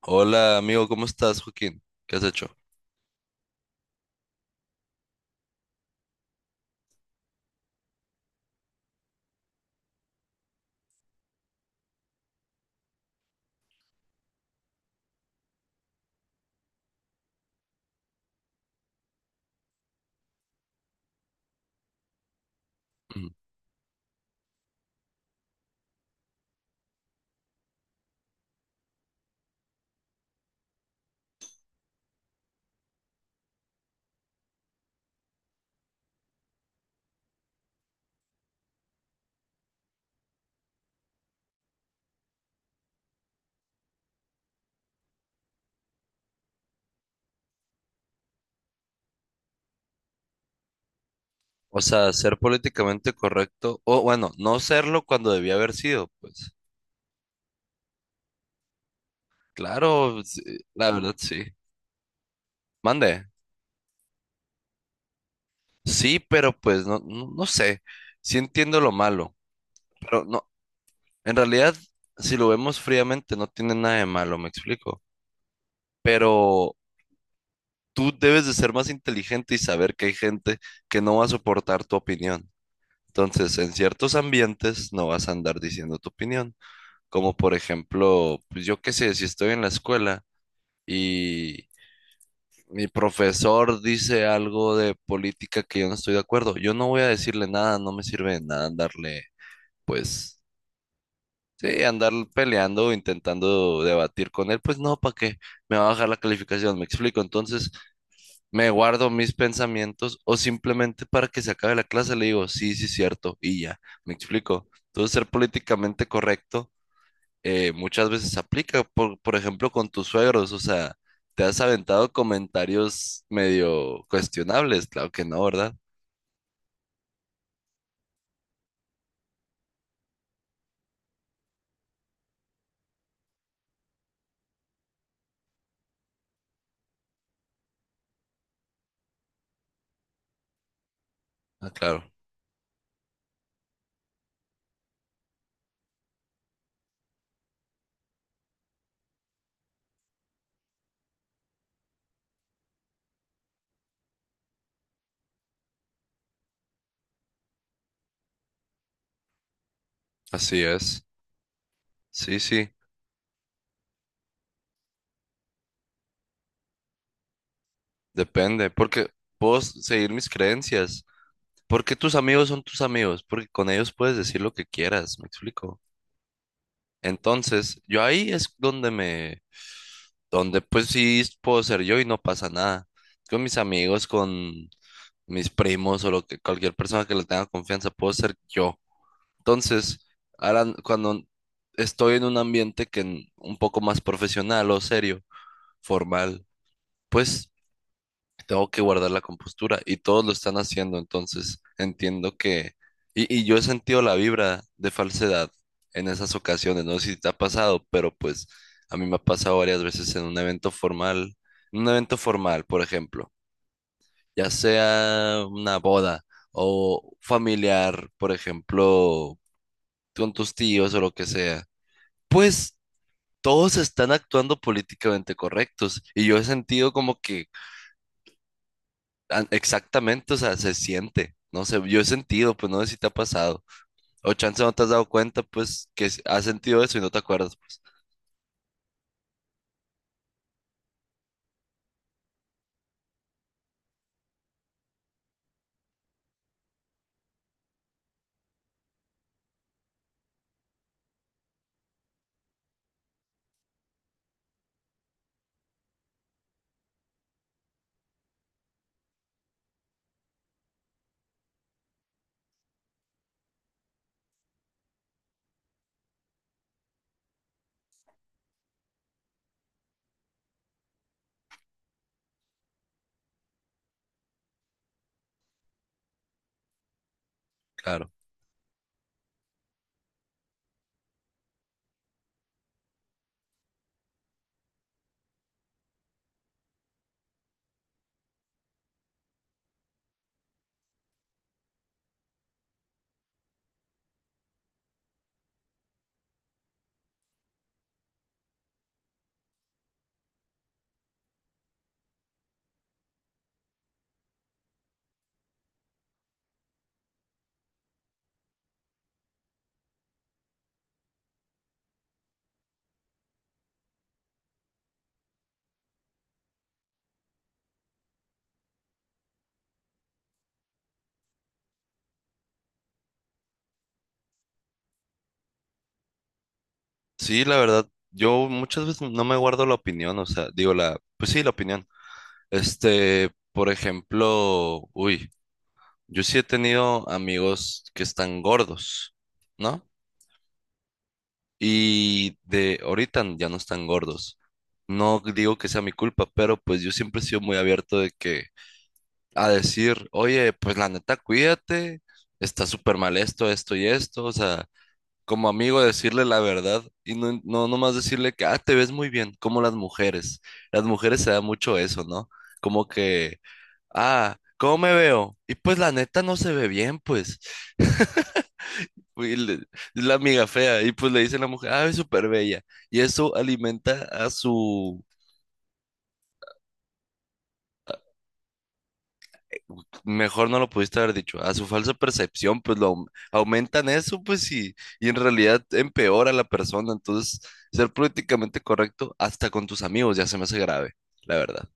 Hola amigo, ¿cómo estás, Joaquín? ¿Qué has hecho? Ujú. O sea, ser políticamente correcto, o bueno, no serlo cuando debía haber sido, pues. Claro, sí, la verdad sí. Mande. Sí, pero pues no sé. Sí entiendo lo malo, pero no, en realidad, si lo vemos fríamente, no tiene nada de malo, me explico. Pero tú debes de ser más inteligente y saber que hay gente que no va a soportar tu opinión. Entonces, en ciertos ambientes no vas a andar diciendo tu opinión. Como por ejemplo, pues yo qué sé, si estoy en la escuela y mi profesor dice algo de política que yo no estoy de acuerdo, yo no voy a decirle nada, no me sirve de nada andarle, pues, sí, andar peleando, intentando debatir con él, pues no, ¿para qué? Me va a bajar la calificación, me explico. Entonces, me guardo mis pensamientos o simplemente para que se acabe la clase le digo, sí, sí, cierto, y ya, me explico. Entonces, ser políticamente correcto muchas veces aplica, por ejemplo, con tus suegros, o sea, te has aventado comentarios medio cuestionables, claro que no, ¿verdad? Ah, claro, así es. Sí, sí, depende, porque seguir mis creencias, porque tus amigos son tus amigos, porque con ellos puedes decir lo que quieras, ¿me explico? Entonces, yo ahí es donde me, donde pues sí puedo ser yo y no pasa nada. Con mis amigos, con mis primos o lo que, cualquier persona que le tenga confianza, puedo ser yo. Entonces, ahora cuando estoy en un ambiente un poco más profesional o serio, formal, pues tengo que guardar la compostura y todos lo están haciendo, entonces entiendo que... Y yo he sentido la vibra de falsedad en esas ocasiones, no sé si te ha pasado, pero pues a mí me ha pasado varias veces en un evento formal, en un evento formal, por ejemplo, ya sea una boda o familiar, por ejemplo, con tus tíos o lo que sea. Pues todos están actuando políticamente correctos y yo he sentido como que exactamente, o sea, se siente, no sé, yo he sentido, pues no sé si te ha pasado o chance no te has dado cuenta, pues has sentido eso y no te acuerdas, pues claro. Sí, la verdad, yo muchas veces no me guardo la opinión, o sea, digo la, pues sí, la opinión. Este, por ejemplo, uy, yo sí he tenido amigos que están gordos, ¿no? Y de ahorita ya no están gordos. No digo que sea mi culpa, pero pues yo siempre he sido muy abierto de que a decir, oye, pues la neta, cuídate, está súper mal esto, esto y esto. O sea, como amigo decirle la verdad y no nomás decirle que, ah, te ves muy bien, como las mujeres. Las mujeres se da mucho eso, ¿no? Como que, ah, ¿cómo me veo? Y pues la neta no se ve bien, pues. Güey, le- es la amiga fea. Y pues le dice la mujer, ah, es súper bella. Y eso alimenta a su, mejor no lo pudiste haber dicho, a su falsa percepción, pues aumentan eso, pues y en realidad empeora a la persona. Entonces, ser políticamente correcto hasta con tus amigos ya se me hace grave, la verdad.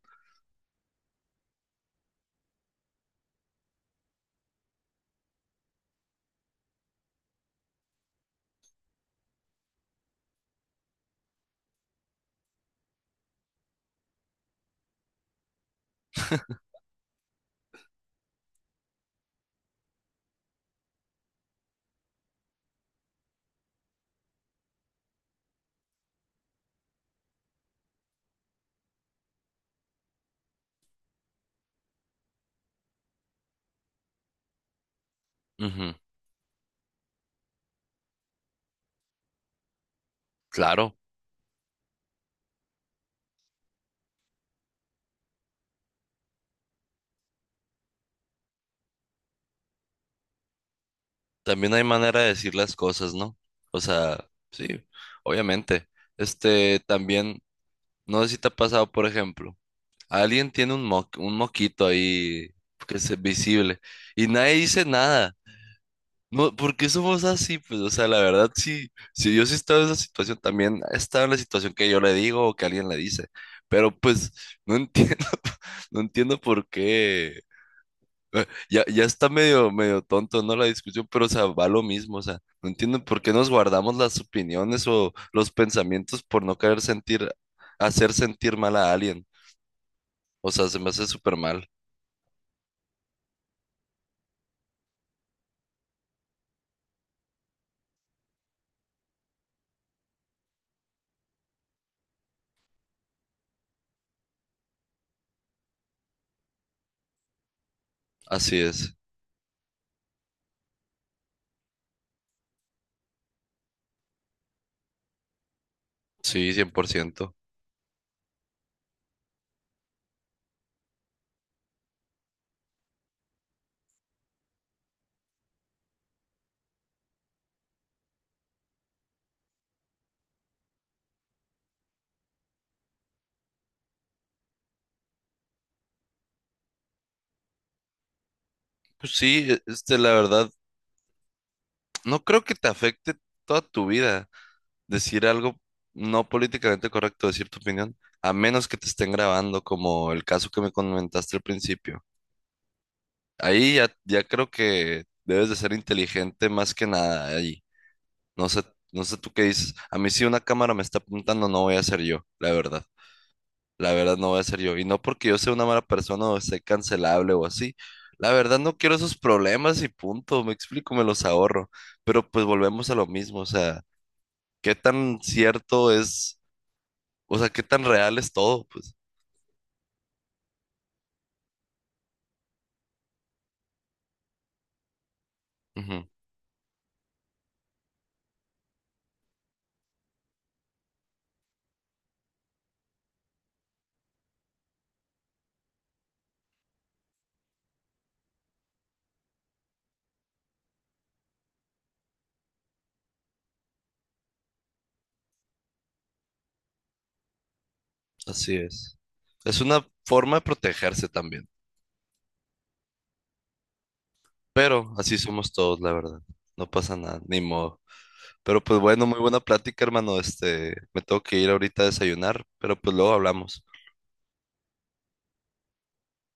Ujú, claro, también hay manera de decir las cosas, ¿no? O sea, sí, obviamente. Este, también. No sé si te ha pasado, por ejemplo, alguien tiene un moquito ahí que es visible y nadie dice nada. No, ¿por qué somos así? Pues, o sea, la verdad, sí, si yo sí he estado en esa situación, también he estado en la situación que yo le digo o que alguien le dice. Pero pues no entiendo, no entiendo por qué. Ya, ya está medio tonto, ¿no? La discusión, pero o sea, va lo mismo. O sea, no entiendo por qué nos guardamos las opiniones o los pensamientos por no querer sentir, hacer sentir mal a alguien. O sea, se me hace súper mal. Así es. Sí, 100%. Pues sí, este, la verdad, no creo que te afecte toda tu vida decir algo no políticamente correcto, decir tu opinión, a menos que te estén grabando, como el caso que me comentaste al principio. Ahí ya, ya creo que debes de ser inteligente más que nada ahí. No sé, no sé tú qué dices. A mí si una cámara me está apuntando, no voy a ser yo, la verdad. La verdad no voy a ser yo. Y no porque yo sea una mala persona o sea cancelable o así. La verdad no quiero esos problemas y punto. Me explico, me los ahorro. Pero pues volvemos a lo mismo. O sea, ¿qué tan cierto es? O sea, ¿qué tan real es todo? Pues ujú, así es. Es una forma de protegerse también. Pero así somos todos, la verdad. No pasa nada, ni modo. Pero pues bueno, muy buena plática, hermano. Este, me tengo que ir ahorita a desayunar, pero pues luego hablamos.